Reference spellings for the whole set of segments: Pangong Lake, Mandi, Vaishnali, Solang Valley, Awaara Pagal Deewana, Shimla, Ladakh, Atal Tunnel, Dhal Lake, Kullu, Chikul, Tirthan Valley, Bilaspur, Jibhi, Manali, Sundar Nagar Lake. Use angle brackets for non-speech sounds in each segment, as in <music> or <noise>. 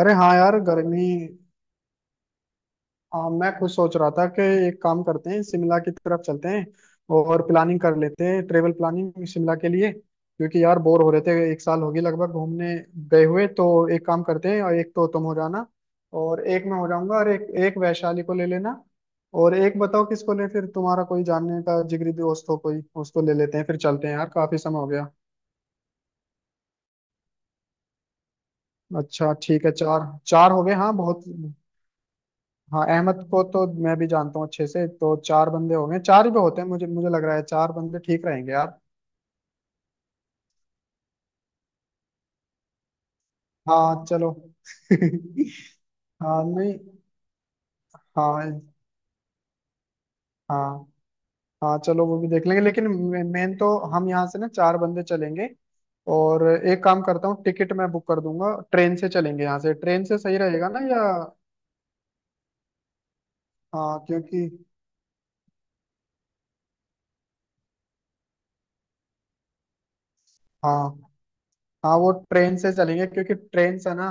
अरे हाँ यार गर्मी। हाँ, मैं खुद सोच रहा था कि एक काम करते हैं, शिमला की तरफ चलते हैं और प्लानिंग कर लेते हैं, ट्रेवल प्लानिंग शिमला के लिए। क्योंकि यार बोर हो रहे थे, एक साल होगी लगभग घूमने गए हुए। तो एक काम करते हैं, और एक तो तुम हो जाना और एक मैं हो जाऊंगा और एक एक वैशाली को ले लेना। और एक बताओ किसको ले, फिर तुम्हारा कोई जानने का जिगरी दोस्त हो कोई, उसको ले लेते हैं। फिर चलते हैं यार, काफी समय हो गया। अच्छा ठीक है, चार चार हो गए, हाँ बहुत। हाँ, अहमद को तो मैं भी जानता हूँ अच्छे से। तो चार बंदे हो गए, चार ही पे होते हैं, मुझे मुझे लग रहा है चार बंदे ठीक रहेंगे यार। हाँ चलो। <laughs> हाँ नहीं। हाँ। हाँ। हाँ चलो, वो भी देख लेंगे लेकिन मेन तो हम यहाँ से ना चार बंदे चलेंगे। और एक काम करता हूँ, टिकट मैं बुक कर दूंगा, ट्रेन से चलेंगे। यहाँ से ट्रेन से सही रहेगा ना, या? हाँ क्योंकि, हाँ हाँ, वो ट्रेन से चलेंगे क्योंकि ट्रेन से ना,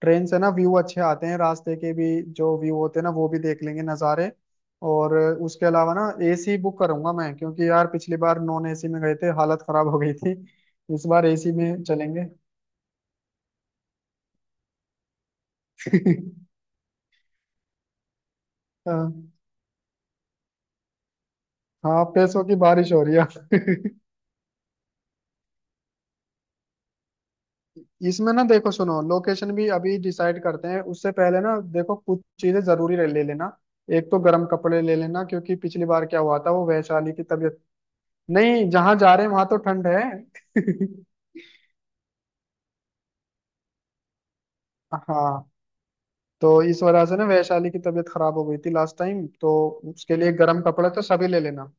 ट्रेन से ना व्यू अच्छे आते हैं रास्ते के भी। जो व्यू होते हैं ना, वो भी देख लेंगे, नज़ारे। और उसके अलावा ना एसी बुक करूंगा मैं, क्योंकि यार पिछली बार नॉन एसी में गए थे, हालत खराब हो गई थी। इस बार एसी में चलेंगे। <laughs> हाँ। हाँ, पैसों की बारिश हो रही है। <laughs> इसमें ना देखो, सुनो, लोकेशन भी अभी डिसाइड करते हैं। उससे पहले ना देखो, कुछ चीजें जरूरी ले ले लेना। एक तो गर्म कपड़े ले लेना, क्योंकि पिछली बार क्या हुआ था, वो वैशाली की तबीयत। नहीं, जहाँ जा रहे हैं वहां तो ठंड है। <laughs> हाँ, तो इस वजह से ना वैशाली की तबीयत खराब हो गई थी लास्ट टाइम तो। उसके लिए गर्म कपड़े तो सभी ले लेना।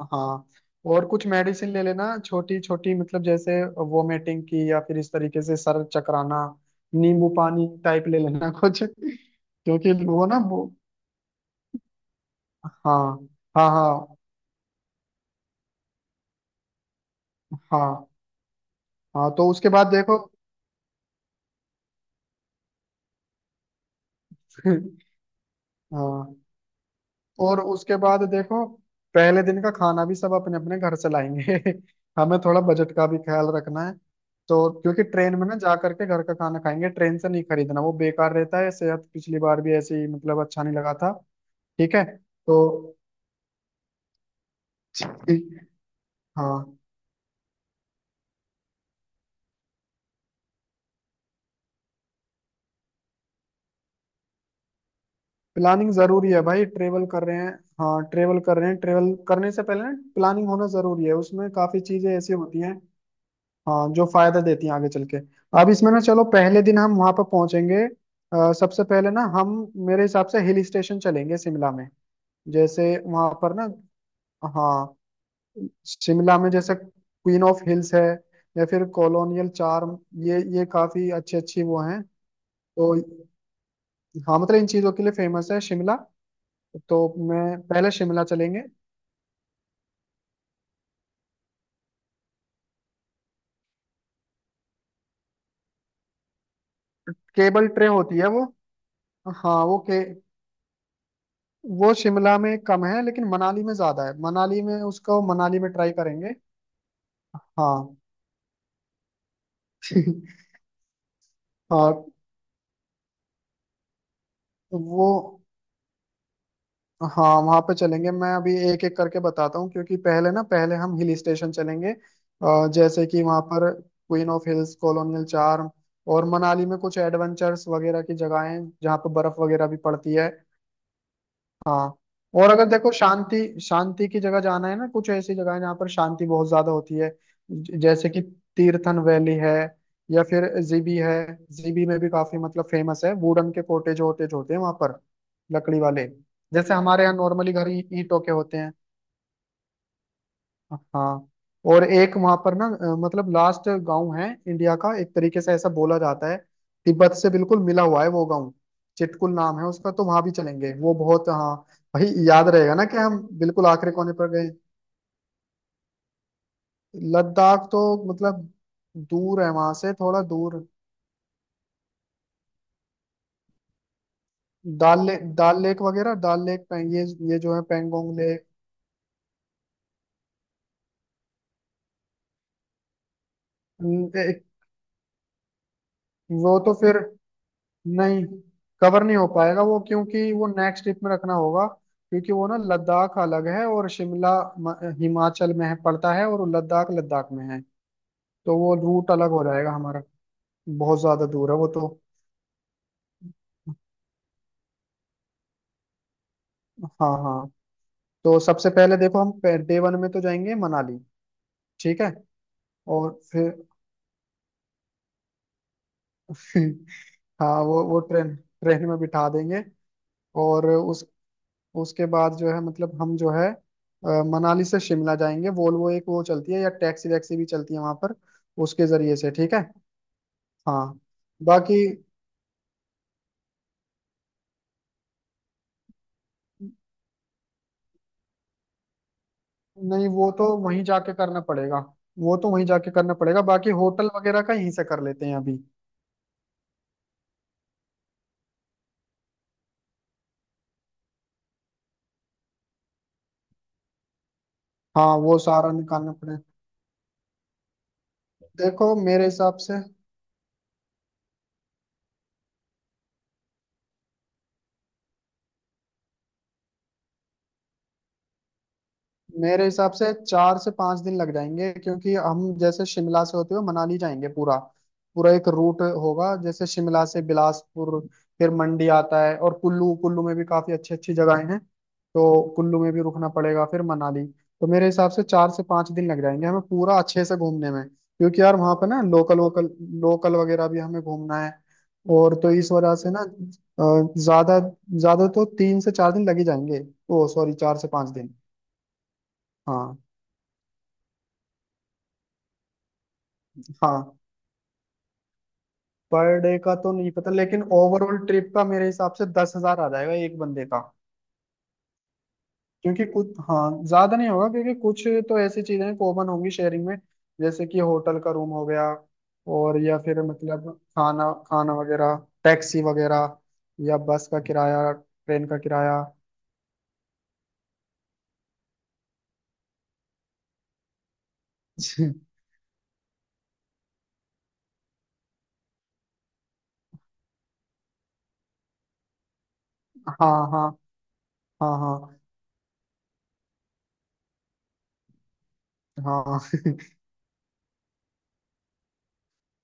हाँ। और कुछ मेडिसिन ले लेना छोटी छोटी, मतलब जैसे वोमिटिंग की, या फिर इस तरीके से सर चकराना। नींबू पानी टाइप ले लेना <laughs> कुछ, क्योंकि वो ना वो। हाँ। हाँ। हाँ। हाँ। हाँ, तो उसके बाद देखो। <laughs> हाँ। और उसके बाद देखो, पहले दिन का खाना भी सब अपने अपने घर से लाएंगे। <laughs> हमें थोड़ा बजट का भी ख्याल रखना है। तो क्योंकि ट्रेन में ना जा करके घर का खाना खाएंगे, ट्रेन से नहीं खरीदना, वो बेकार रहता है सेहत। पिछली बार भी ऐसे ही, मतलब अच्छा नहीं लगा था। ठीक है। तो ठीक- हाँ, प्लानिंग जरूरी है भाई, ट्रेवल कर रहे हैं। हाँ, ट्रेवल कर रहे हैं। ट्रेवल करने से पहले ना प्लानिंग होना जरूरी है, उसमें काफी चीजें ऐसी होती हैं। हाँ, जो फायदा देती हैं आगे चल के। अब इसमें ना चलो, पहले दिन हम वहां पर पहुंचेंगे। सबसे पहले ना हम, मेरे हिसाब से हिल स्टेशन चलेंगे शिमला में। जैसे वहां पर ना, हाँ, शिमला में जैसे क्वीन ऑफ हिल्स है या फिर कॉलोनियल चार्म। ये काफी अच्छी अच्छी वो हैं तो। हाँ मतलब, इन चीजों के लिए फेमस है शिमला। तो मैं पहले शिमला चलेंगे। केबल ट्रे होती है वो। हाँ, वो शिमला में कम है लेकिन मनाली में ज्यादा है। मनाली में उसको मनाली में ट्राई करेंगे। हाँ। <laughs> हाँ। वो, हाँ, वहाँ पे चलेंगे। मैं अभी एक एक करके बताता हूँ। क्योंकि पहले ना, पहले हम हिल स्टेशन चलेंगे, जैसे कि वहाँ पर queen of hills, colonial charm. और मनाली में कुछ एडवेंचर्स वगैरह की जगहें हैं जहाँ पर बर्फ वगैरह भी पड़ती है। हाँ। और अगर देखो शांति, शांति की जगह जाना है ना, कुछ ऐसी जगह है जहाँ पर शांति बहुत ज्यादा होती है। जैसे कि तीर्थन वैली है, या फिर जीबी है। जीबी में भी काफी मतलब फेमस है, वुडन के कोटेज वोटेज होते हैं वहां पर। लकड़ी वाले, जैसे हमारे यहाँ नॉर्मली ईंटों के होते हैं। हाँ। और एक वहां पर ना, मतलब लास्ट गांव है इंडिया का एक तरीके से ऐसा बोला जाता है। तिब्बत से बिल्कुल मिला हुआ है वो गांव, चिटकुल नाम है उसका। तो वहां भी चलेंगे, वो बहुत, हाँ। भाई याद रहेगा ना कि हम बिल्कुल आखिरी कोने पर गए। लद्दाख तो, मतलब दूर है वहां से, थोड़ा दूर। दाल लेक, दाल लेक वगैरह, ये जो है पेंगोंग लेक। न- एक- वो तो फिर, नहीं, कवर नहीं हो पाएगा वो, क्योंकि वो नेक्स्ट ट्रिप में रखना होगा। क्योंकि वो ना लद्दाख अलग है, और शिमला हिमाचल में है, पड़ता है, और लद्दाख लद्दाख में है। तो वो रूट अलग हो जाएगा हमारा। बहुत ज्यादा दूर है वो तो। हाँ हाँ। तो सबसे पहले देखो हम, डे वन में तो जाएंगे मनाली। ठीक है। और फिर <laughs> हाँ, वो ट्रेन, ट्रेन में बिठा देंगे। और उस, उसके बाद जो है, मतलब हम जो है, मनाली से शिमला जाएंगे। वोल्वो एक वो चलती है, या टैक्सी वैक्सी भी चलती है वहां पर, उसके जरिए से। ठीक है। हाँ बाकी, नहीं, वो तो वहीं जाके करना पड़ेगा। वो तो वहीं जाके करना पड़ेगा। बाकी होटल वगैरह का यहीं से कर लेते हैं अभी। हाँ, वो सारा निकालना पड़ेगा। देखो मेरे हिसाब से, मेरे हिसाब से 4 से 5 दिन लग जाएंगे। क्योंकि हम जैसे शिमला से होते हुए मनाली जाएंगे, पूरा पूरा एक रूट होगा। जैसे शिमला से बिलासपुर, फिर मंडी आता है, और कुल्लू। कुल्लू में भी काफी अच्छी अच्छी जगहें हैं, तो कुल्लू में भी रुकना पड़ेगा, फिर मनाली। तो मेरे हिसाब से 4 से 5 दिन लग जाएंगे हमें पूरा अच्छे से घूमने में। क्योंकि यार वहाँ पर ना लोकल वोकल, लोकल वगैरह भी हमें घूमना है। और तो इस वजह से ना, ज्यादा, ज्यादा तो 3 से 4 दिन लग ही जाएंगे। ओ सॉरी, 4 से 5 दिन। हाँ। हाँ, पर डे का तो नहीं पता, लेकिन ओवरऑल ट्रिप का मेरे हिसाब से 10,000 आ जाएगा एक बंदे का। क्योंकि कुछ, हाँ ज्यादा नहीं होगा, क्योंकि कुछ तो ऐसी चीजें कॉमन होंगी शेयरिंग में। जैसे कि होटल का रूम हो गया, और या फिर मतलब खाना खाना वगैरह, टैक्सी वगैरह, या बस का किराया, ट्रेन का किराया। <laughs> हाँ हाँ हाँ हाँ हाँ। <laughs>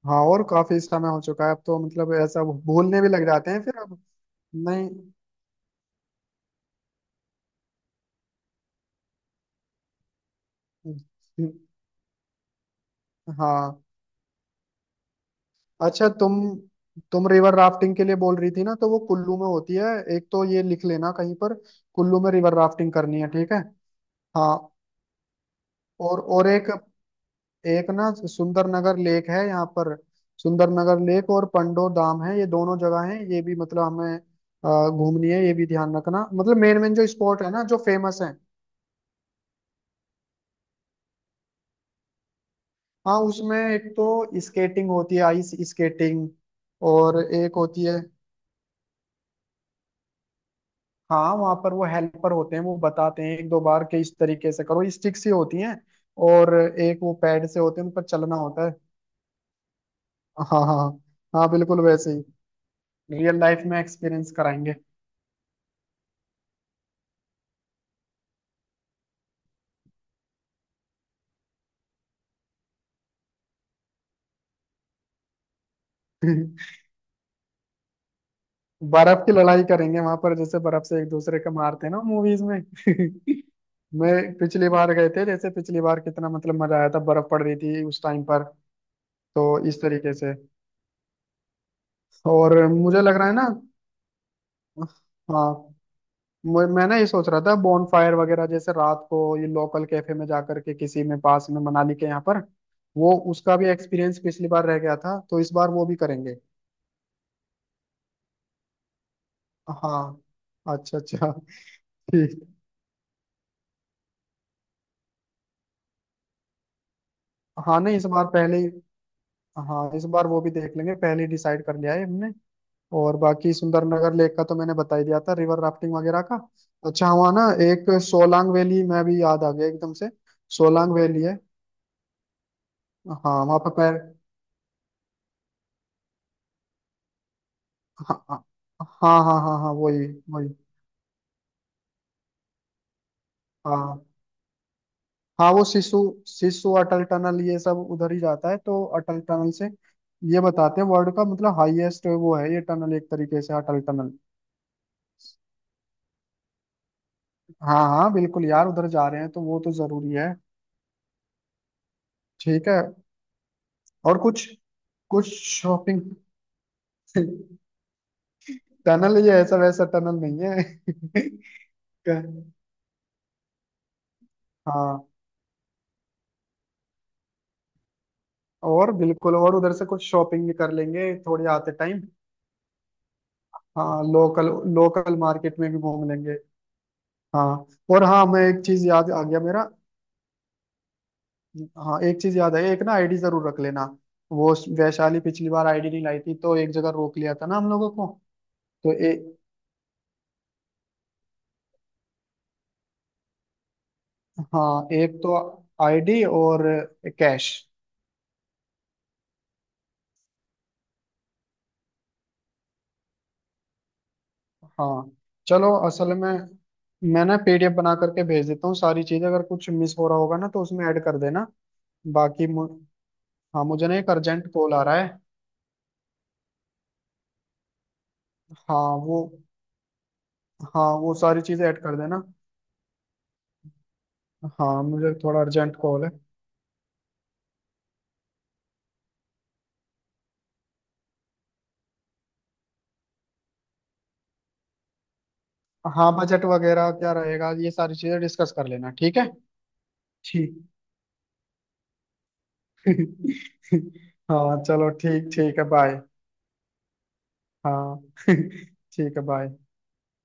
हाँ, और काफी समय हो चुका है अब तो, मतलब ऐसा भूलने भी लग जाते हैं फिर अब। नहीं। <laughs> हाँ। अच्छा तुम रिवर राफ्टिंग के लिए बोल रही थी ना, तो वो कुल्लू में होती है। एक तो ये लिख लेना कहीं पर, कुल्लू में रिवर राफ्टिंग करनी है, ठीक है। हाँ। और एक, एक ना सुंदर नगर लेक है यहाँ पर। सुंदर नगर लेक और पंडो धाम है, ये दोनों जगह हैं, ये भी मतलब हमें घूमनी है। ये भी ध्यान रखना, मतलब मेन मेन जो स्पॉट है ना जो फेमस है। हाँ, उसमें एक तो स्केटिंग होती है, आइस स्केटिंग। और एक होती है, हाँ, वहां पर वो हेल्पर होते हैं, वो बताते हैं एक दो बार के इस तरीके से करो। स्टिक सी होती हैं, और एक वो पैड से होते हैं, उन पर चलना होता है। हाँ हाँ हाँ। हाँ बिल्कुल वैसे ही। रियल लाइफ में एक्सपीरियंस कराएंगे। <laughs> बर्फ की लड़ाई करेंगे वहां पर, जैसे बर्फ से एक दूसरे को मारते हैं ना मूवीज में। <laughs> मैं पिछली बार गए थे, जैसे पिछली बार कितना मतलब मजा आया था, बर्फ पड़ रही थी उस टाइम पर। तो इस तरीके से। और मुझे लग रहा है ना, हाँ, मैं ना ये सोच रहा था बॉन फायर वगैरह, जैसे रात को ये लोकल कैफे में जाकर के, किसी में पास में मनाली के यहाँ पर। वो उसका भी एक्सपीरियंस पिछली बार रह गया था, तो इस बार वो भी करेंगे। हाँ। अच्छा अच्छा। ठीक। हाँ नहीं, इस बार पहले ही, हाँ इस बार वो भी देख लेंगे, पहले ही डिसाइड कर लिया है हमने। और बाकी सुंदरनगर लेक का तो मैंने बता ही दिया था, रिवर राफ्टिंग वगैरह का। अच्छा हुआ ना, एक सोलांग वैली मैं भी याद आ गया एकदम से। सोलांग वैली है। हाँ वहाँ पर पैर, हाँ हाँ हाँ हाँ हाँ, हाँ, वही वही। हाँ हाँ, वो शिशु शिशु अटल टनल, ये सब उधर ही जाता है। तो अटल टनल से, ये बताते हैं वर्ल्ड का मतलब हाईएस्ट वो है ये टनल, एक तरीके से अटल टनल। हाँ हाँ बिल्कुल यार, उधर जा रहे हैं तो वो तो जरूरी है। ठीक है। और कुछ, कुछ शॉपिंग। <laughs> टनल ये ऐसा वैसा टनल नहीं है। <laughs> हाँ, और बिल्कुल, और उधर से कुछ शॉपिंग भी कर लेंगे थोड़ी आते टाइम। हाँ लोकल, लोकल मार्केट में भी घूम लेंगे। हाँ। और हाँ, मैं एक चीज याद आ गया मेरा, हाँ एक चीज याद है, एक ना आईडी जरूर रख लेना। वो वैशाली पिछली बार आईडी नहीं लाई थी, तो एक जगह रोक लिया था ना हम लोगों को। तो हाँ, एक तो आईडी, और कैश। हाँ चलो, असल में मैं ना पीडीएफ बना करके भेज देता हूँ सारी चीज। अगर कुछ मिस हो रहा होगा ना तो उसमें ऐड कर देना। बाकी मु, हाँ मुझे ना एक अर्जेंट कॉल आ रहा है। हाँ वो, हाँ वो सारी चीजें ऐड कर देना। हाँ मुझे थोड़ा अर्जेंट कॉल है। हाँ, बजट वगैरह क्या रहेगा ये सारी चीजें डिस्कस कर लेना, ठीक है। ठीक। <laughs> हाँ चलो, ठीक, ठीक है, बाय। हाँ। <laughs> ठीक है, बाय।